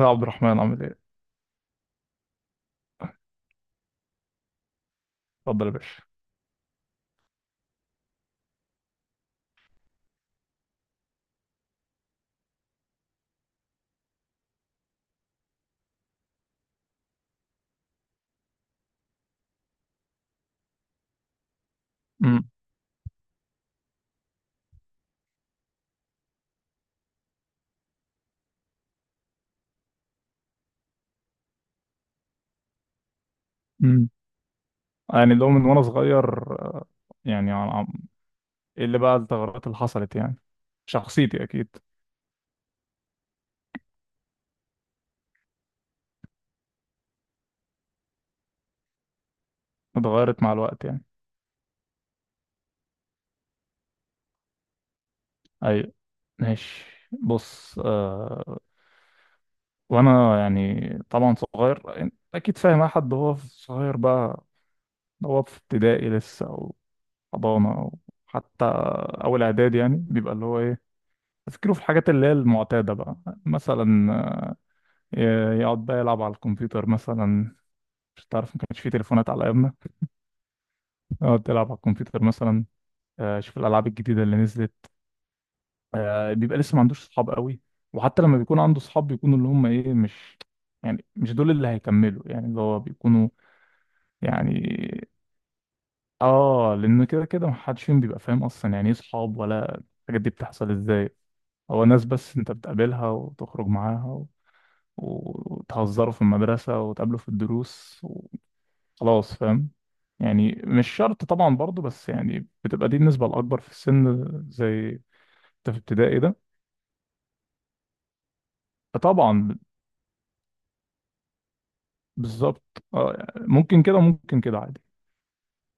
يا عبد الرحمن عامل ايه؟ اتفضل يا باشا. امم امم يعني لو من وانا صغير، يعني ايه اللي بقى التغيرات اللي حصلت يعني شخصيتي اكيد اتغيرت مع الوقت يعني. اي، ماشي، بص. وانا يعني طبعا صغير، أنت اكيد فاهم اي حد هو صغير بقى، هو في ابتدائي لسه او حضانه او حتى اول اعداد يعني، بيبقى اللي هو ايه، تفكيره في الحاجات اللي هي المعتاده بقى، مثلا يقعد بقى يلعب على الكمبيوتر مثلا، مش تعرف ما كانش في تليفونات على ايامنا. اقعد تلعب على الكمبيوتر مثلا، شوف الالعاب الجديده اللي نزلت. بيبقى لسه ما عندوش صحاب قوي، وحتى لما بيكون عنده صحاب بيكونوا اللي هم ايه مش، يعني مش دول اللي هيكملوا يعني اللي هو بيكونوا يعني. اه لان كده كده ما حدش فيهم بيبقى فاهم اصلا يعني ايه صحاب ولا الحاجات دي بتحصل ازاي، هو ناس بس انت بتقابلها وتخرج معاها و... وتهزروا في المدرسة وتقابلوا في الدروس، خلاص فاهم. يعني مش شرط طبعا برضو، بس يعني بتبقى دي النسبة الأكبر في السن، زي انت في ابتدائي ده طبعا. بالظبط، ممكن كده وممكن كده عادي.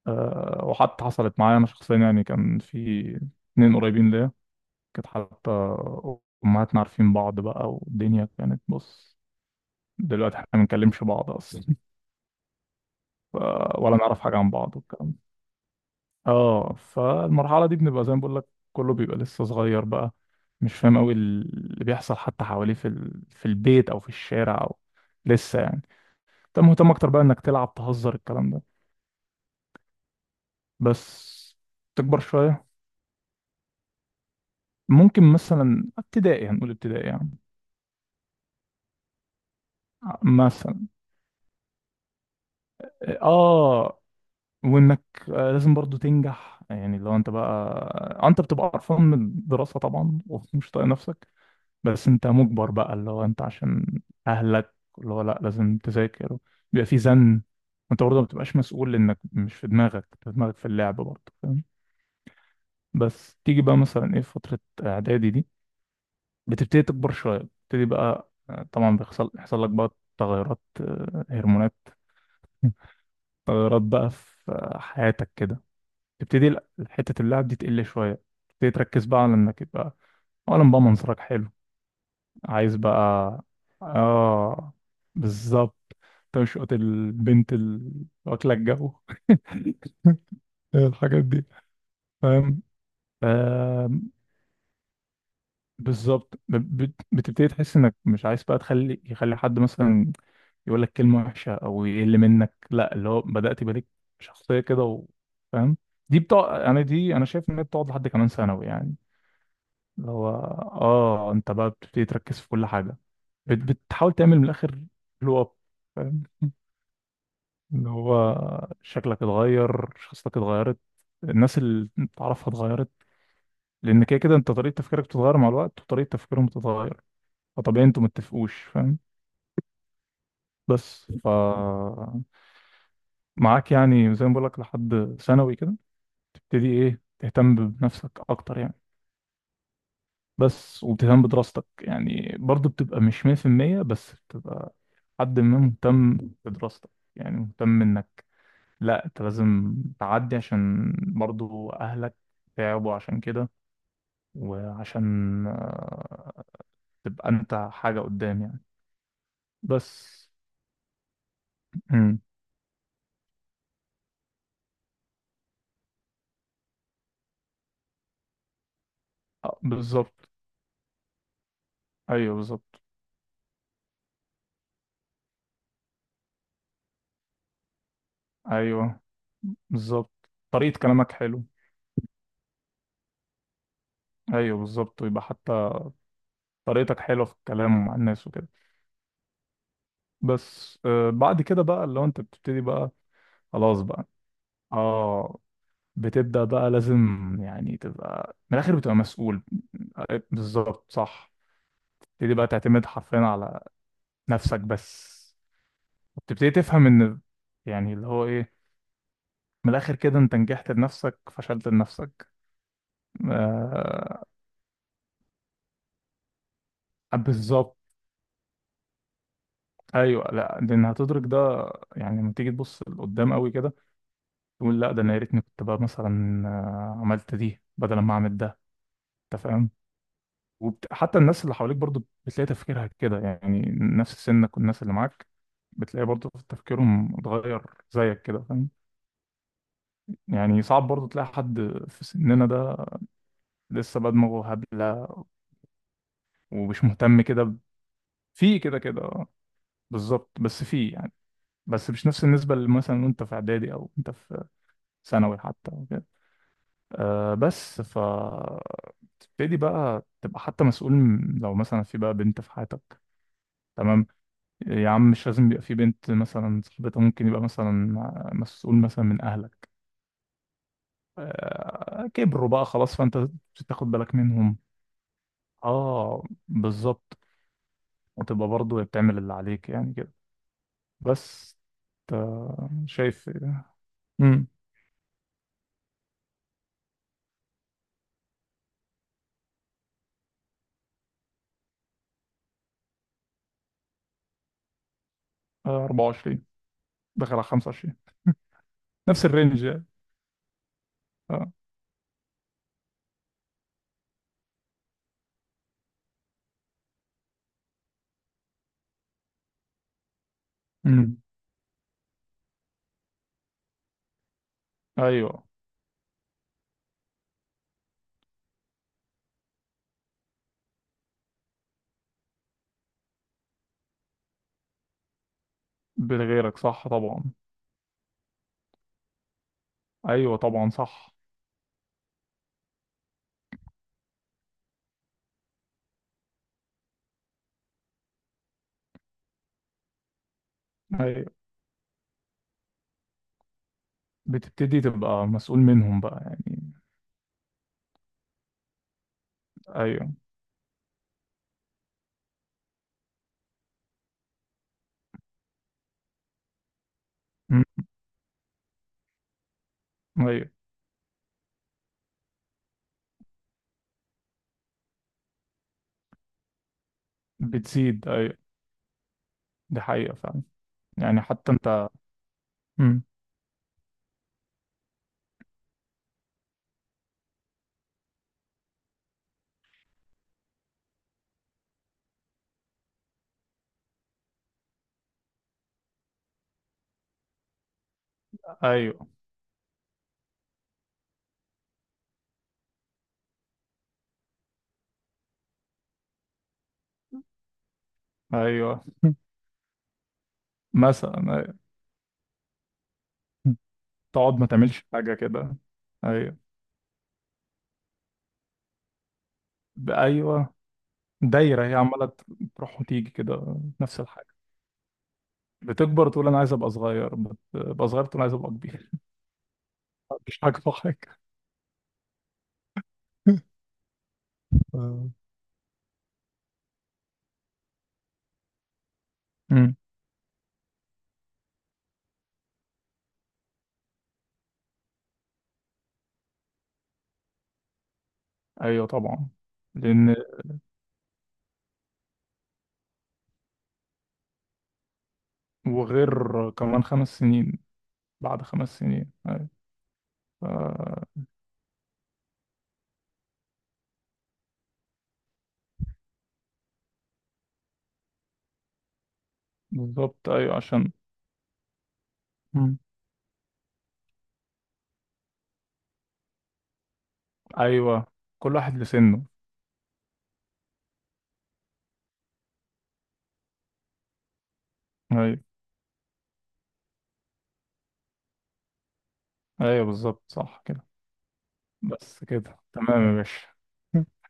وحتى حصلت معايا أنا شخصيا، يعني كان في اتنين قريبين ليا، كانت حتى أمهاتنا عارفين بعض بقى، والدنيا كانت بص، دلوقتي احنا ما بنكلمش بعض أصلا. ف- ولا نعرف حاجة عن بعض والكلام ده. اه، فالمرحلة دي بنبقى زي ما بقول لك، كله بيبقى لسه صغير بقى، مش فاهم قوي اللي بيحصل حتى حواليه في ال... في البيت او في الشارع، او لسه يعني. انت مهتم اكتر بقى انك تلعب تهزر الكلام ده بس. تكبر شوية، ممكن مثلا ابتدائي هنقول ابتدائي يعني، مثلا. اه، وانك لازم برضو تنجح يعني، لو انت بقى انت بتبقى قرفان من الدراسة طبعا ومش طايق نفسك، بس انت مجبر بقى اللي هو انت عشان اهلك اللي هو لا لازم تذاكر، بيبقى في زن. وانت برضه ما بتبقاش مسؤول، انك مش في دماغك، انت دماغك في اللعب برضه، فاهم. بس تيجي بقى مثلا ايه في فترة اعدادي دي، بتبتدي تكبر شوية، بتبتدي بقى طبعا بيحصل يحصل لك بقى تغيرات، هرمونات. تغيرات بقى في حياتك كده، تبتدي حتة اللعب دي تقل شوية، تبتدي تركز بقى على انك يبقى اولا بقى منظرك حلو، عايز بقى. اه، بالظبط، تشقط البنت اللي واكله الجو. الحاجات دي، فاهم. آم، بالظبط، بتبتدي تحس انك مش عايز بقى تخلي يخلي حد مثلا يقول لك كلمه وحشه او يقل منك، لا اللي هو بدات يبقى ليك شخصيه كده. فاهم. دي بتقعد، انا دي انا شايف ان هي بتقعد لحد كمان ثانوي يعني، اللي هو اه انت بقى بتبتدي تركز في كل حاجة، بتحاول تعمل من الآخر بلو اب، فاهم، اللي هو شكلك اتغير، شخصيتك اتغيرت، الناس اللي انت تعرفها اتغيرت. لأن كده كده انت طريقة تفكيرك بتتغير مع الوقت وطريقة تفكيرهم بتتغير، فطبيعي انتوا متفقوش، فاهم. بس ف معاك يعني زي ما بقولك، لحد ثانوي كده تبتدي ايه، تهتم بنفسك أكتر يعني، بس وبتهتم بدراستك يعني برضه، بتبقى مش 100% بس بتبقى حد ما مهتم بدراستك، يعني مهتم انك لا انت لازم تعدي عشان برضه اهلك تعبوا عشان كده، وعشان تبقى انت حاجة قدام يعني، بس. مم. بالظبط. ايوه بالظبط. ايوه بالظبط، طريقة كلامك حلو. ايوه بالظبط، ويبقى حتى طريقتك حلوة في الكلام مع الناس وكده. بس بعد كده بقى اللي هو انت بتبتدي بقى، خلاص بقى. اه، بتبدأ بقى لازم يعني تبقى من الآخر بتبقى مسؤول. بالظبط صح. تبتدي بقى تعتمد حرفيا على نفسك بس، وبتبتدي تفهم إن يعني اللي هو إيه، من الآخر كده أنت نجحت لنفسك فشلت لنفسك. آه، بالظبط. أيوه، لا لأن هتدرك ده، يعني لما تيجي تبص لقدام قوي كده تقول لا ده أنا يا ريتني كنت بقى مثلا عملت دي بدل ما أعمل ده، أنت فاهم. حتى الناس اللي حواليك برضو بتلاقي تفكيرها كده يعني، نفس سنك والناس اللي معاك بتلاقي برضو تفكيرهم اتغير زيك كده، فاهم. يعني صعب برضو تلاقي حد في سننا ده لسه بقى دماغه هبلة ومش مهتم كده في كده كده. بالظبط، بس في يعني، بس مش نفس النسبة اللي مثلا وانت في اعدادي او انت في ثانوي حتى وكده. أه بس ف تبتدي بقى تبقى حتى مسؤول، لو مثلا في بقى بنت في حياتك، تمام، يا عم مش لازم يبقى في بنت، مثلا صاحبتها ممكن يبقى مثلا مسؤول مثلا من اهلك كبروا بقى خلاص، فانت تاخد بالك منهم. اه بالظبط، وتبقى برضه بتعمل اللي عليك يعني كده، بس انت شايف. امم 24، داخل على 25. نفس الرينج يعني. اه. امم. ايوه. بغيرك صح طبعا. ايوه طبعا صح. ايوه، بتبتدي تبقى مسؤول منهم بقى يعني. ايوه. امم. ايوه. بتزيد، ايوه، دي حقيقة فعلا، يعني حتى انت. مم. ايوه. ايوه. مثلا، أيوة. تقعد ما تعملش حاجة كده. ايوه. ايوه، دايرة هي عمالة تروح وتيجي كده نفس الحاجة. بتكبر تقول انا عايز ابقى صغير، بتبقى صغير تقول عايز ابقى كبير. مش حاجة في حاجة. آه. مم. ايوه طبعا. لان وغير كمان 5 سنين، بعد 5 سنين، ايوه. ف- بالظبط ايوه عشان. مم. ايوه، كل واحد لسنه. ايوه. ايوه بالظبط صح كده. بس كده تمام يا باشا.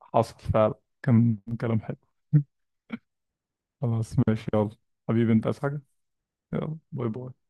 حصل فعلا، كان كلام حلو. خلاص ماشي، يلا حبيبي، انت عايز حاجة؟ يلا باي باي.